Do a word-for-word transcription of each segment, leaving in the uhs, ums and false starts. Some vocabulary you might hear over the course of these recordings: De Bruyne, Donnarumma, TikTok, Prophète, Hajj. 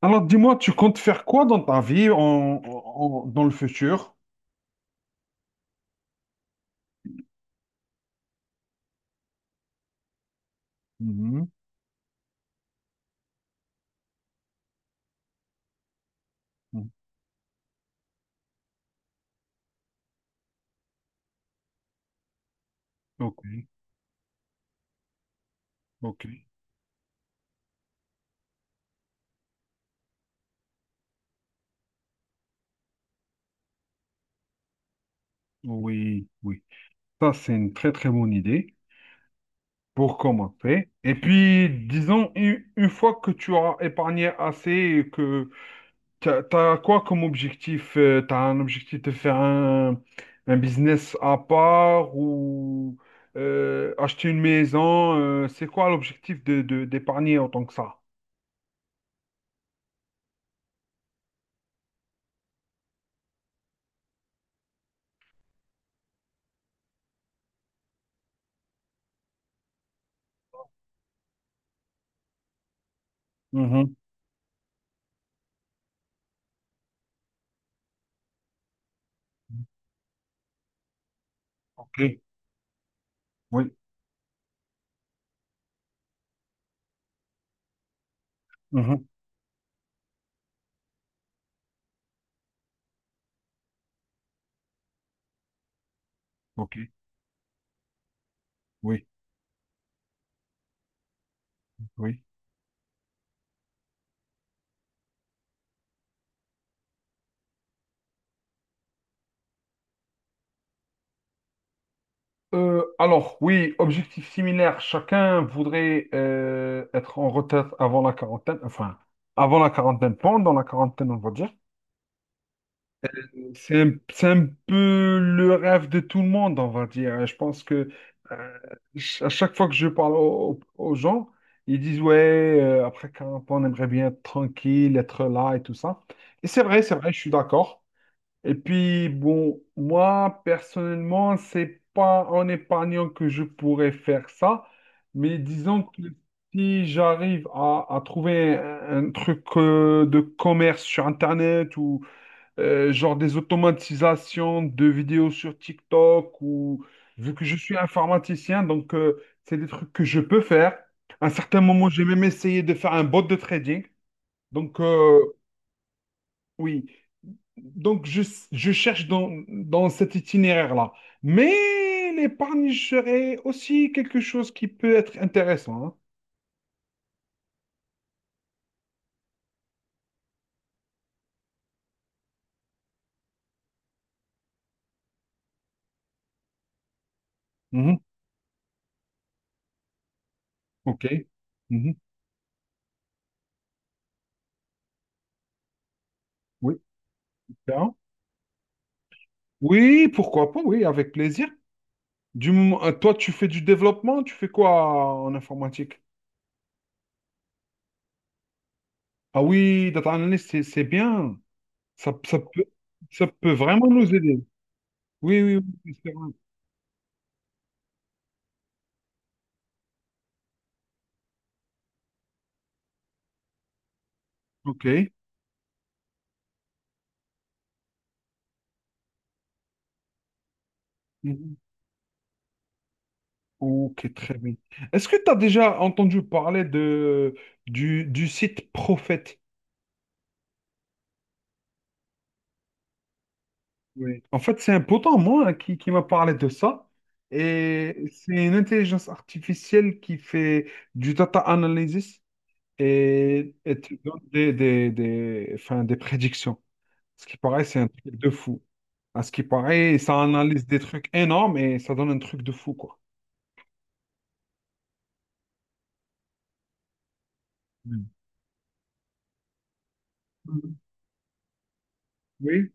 Alors, dis-moi, tu comptes faire quoi dans ta vie en, en- en- dans le futur? Mhm. Mhm. Ok, ok. Oui, oui. Ça, c'est une très, très bonne idée pour commencer. Et puis, disons, une, une fois que tu as épargné assez, et que tu as, quoi comme objectif? Tu as un objectif de faire un, un business à part ou euh, acheter une maison? Euh, c'est quoi l'objectif de, de- d'épargner autant que ça? Mhm. Ok, oui. Mhm. Ok, oui, oui. Euh, alors, oui, objectif similaire. Chacun voudrait euh, être en retraite avant la quarantaine, enfin, avant la quarantaine, pendant la quarantaine, on va dire. C'est un, c'est un peu le rêve de tout le monde, on va dire. Je pense que euh, ch- à chaque fois que je parle au- au- aux gens, ils disent, ouais, euh, après quarante ans, on aimerait bien être tranquille, être là et tout ça. Et c'est vrai, c'est vrai, je suis d'accord. Et puis, bon, moi, personnellement, c'est pas en épargnant que je pourrais faire ça, mais disons que si j'arrive à, à trouver un, un truc euh, de commerce sur Internet ou euh, genre des automatisations de vidéos sur TikTok ou vu que je suis informaticien, donc euh, c'est des trucs que je peux faire. À un certain moment, j'ai même essayé de faire un bot de trading. Donc, euh, oui, donc je, je cherche dans, dans cet itinéraire-là. Mais l'épargne serait aussi quelque chose qui peut être intéressant. Hein. Mhm. Ok. Mhm. Oui. Bien. Oui, pourquoi pas, oui, avec plaisir. Du moment, euh, toi, tu fais du développement, tu fais quoi en informatique? Ah oui, data analyst, c'est c'est bien. Ça, ça peut, ça peut vraiment nous aider. Oui, oui, oui, c'est vrai. Ok. Mhm. Ok, très bien. Est-ce que tu as déjà entendu parler de, du, du site Prophète? Oui. En fait, c'est un pote à moi hein, qui, qui m'a parlé de ça. Et c'est une intelligence artificielle qui fait du data analysis et, et te donne des, des, des, enfin, des prédictions. Ce qui paraît, c'est un truc de fou. À ce qui paraît, ça analyse des trucs énormes et ça donne un truc de fou, quoi. Mm. Mhm. Oui.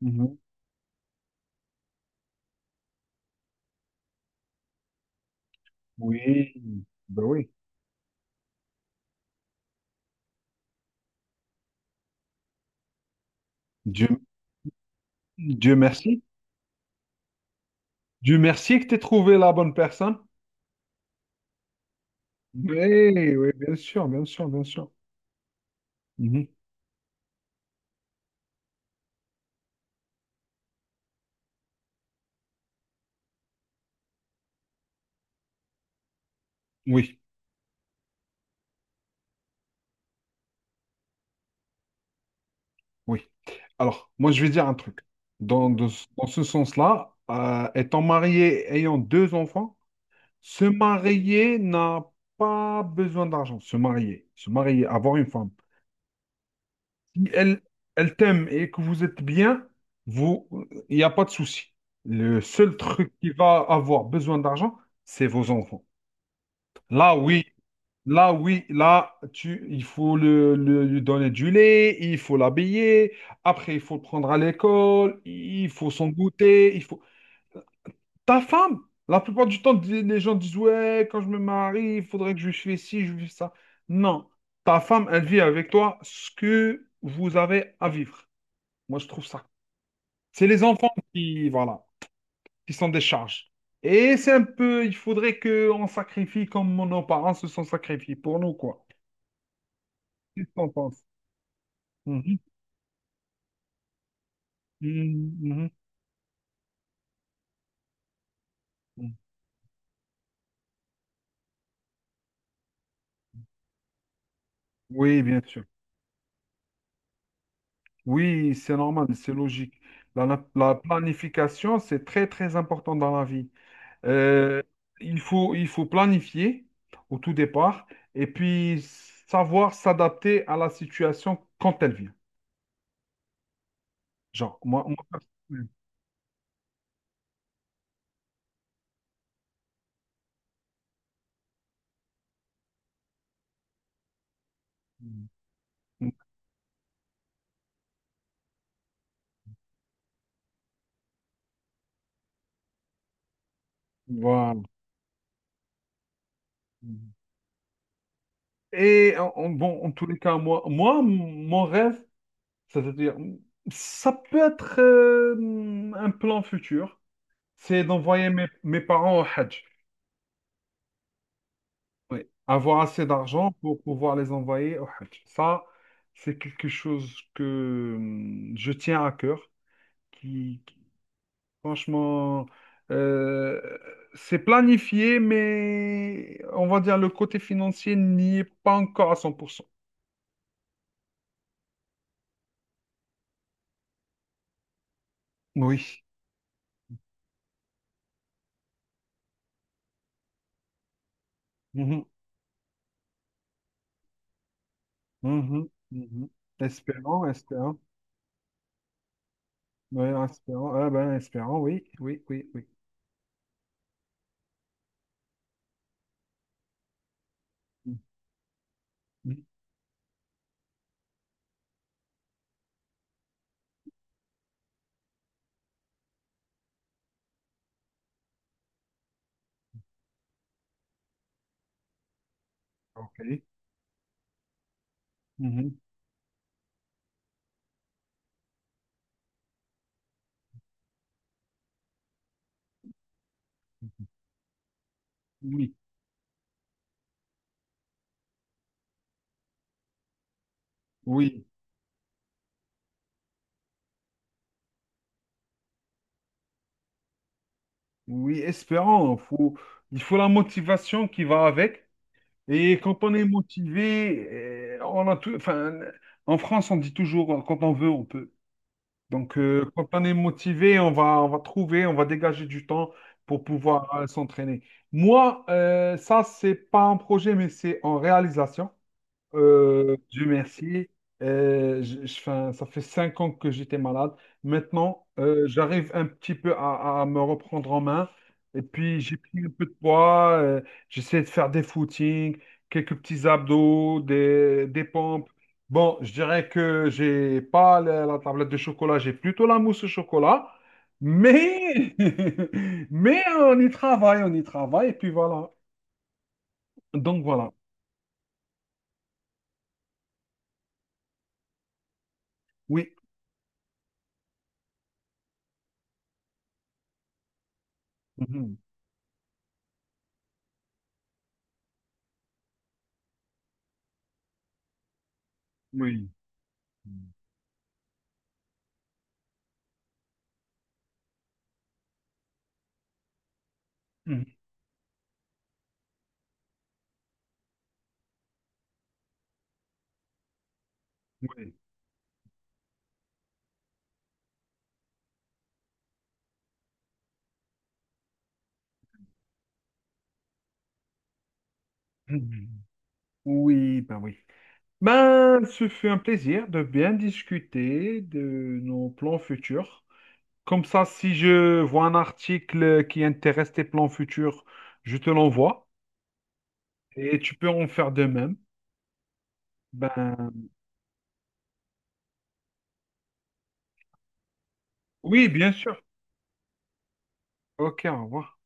Mhm. Oui. Ben oui. Dieu Dieu merci. Dieu merci que tu aies trouvé la bonne personne. Oui, oui, bien sûr, bien sûr, bien sûr. Mhm. Oui, oui. Alors, moi, je vais dire un truc. Dans, de- dans ce sens-là, euh, étant marié, ayant deux enfants, se marier n'a pas besoin d'argent. Se marier, se marier, avoir une femme. Si elle, elle t'aime et que vous êtes bien, vous, il n'y a pas de souci. Le seul truc qui va avoir besoin d'argent, c'est vos enfants. Là, oui. Là, oui, là, tu, il faut le, le- lui donner du lait, il faut l'habiller, après, il faut le prendre à l'école, il faut son goûter, il faut... Ta femme, la plupart du temps, di- les gens disent, ouais, quand je me marie, il faudrait que je fasse ci, je fasse ça. Non, ta femme, elle vit avec toi ce que vous avez à vivre. Moi, je trouve ça. C'est les enfants qui, voilà, qui sont des charges. Et c'est un peu, il faudrait qu'on sacrifie comme nos parents se sont sacrifiés pour nous, quoi. Qu'est-ce que t'en penses? Mhm, mhm, mhm. Mhm. Oui, bien sûr. Oui, c'est normal, c'est logique. La, la- la planification, c'est très, très important dans la vie. Euh, il faut, il faut planifier au tout départ et puis savoir s'adapter à la situation quand elle vient. Genre, moi, moi- voilà. Et en, en- bon, en tous les cas, moi, moi mon rêve, c'est-à-dire, ça peut être euh, un plan futur. C'est d'envoyer mes, mes parents au Hajj. Oui. Avoir assez d'argent pour pouvoir les envoyer au Hajj. Ça, c'est quelque chose que hum, je tiens à cœur, qui, qui, franchement, euh, c'est planifié, mais on va dire le côté financier n'y est pas encore à cent pour cent. Oui. Mhm. Mhm. Mhm. Espérant, espérant. Oui, espérant. Ah ben, espérant, oui, oui, oui, oui. Mhm. OK. Mhm. Oui. Oui. Oui, espérons. Faut, il faut la motivation qui va avec. Et quand on est motivé, eh, on a tout, enfin, en France, on dit toujours, quand on veut, on peut. Donc, euh, quand on est motivé, on va, on va trouver, on va dégager du temps pour pouvoir euh, s'entraîner. Moi, euh, ça, c'est pas un projet, mais c'est en réalisation. Euh, Dieu merci. Euh, je, je- 'fin, ça fait cinq ans que j'étais malade. Maintenant, euh, j'arrive un petit peu à, à me reprendre en main. Et puis, j'ai pris un peu de poids. euh, j'essaie de faire des footings, quelques petits abdos, des, des pompes. Bon, je dirais que j'ai pas la, la tablette de chocolat, j'ai plutôt la mousse au chocolat. Mais, mais on y travaille, on y travaille. Et puis voilà. Donc voilà. Oui. Mhm. Oui. Mhm. Oui. Mhm. Oui, ben oui. Ben, ce fut un plaisir de bien discuter de nos plans futurs. Comme ça, si je vois un article qui intéresse tes plans futurs, je te l'envoie et tu peux en faire de même. Ben, oui, bien sûr. Ok, au revoir.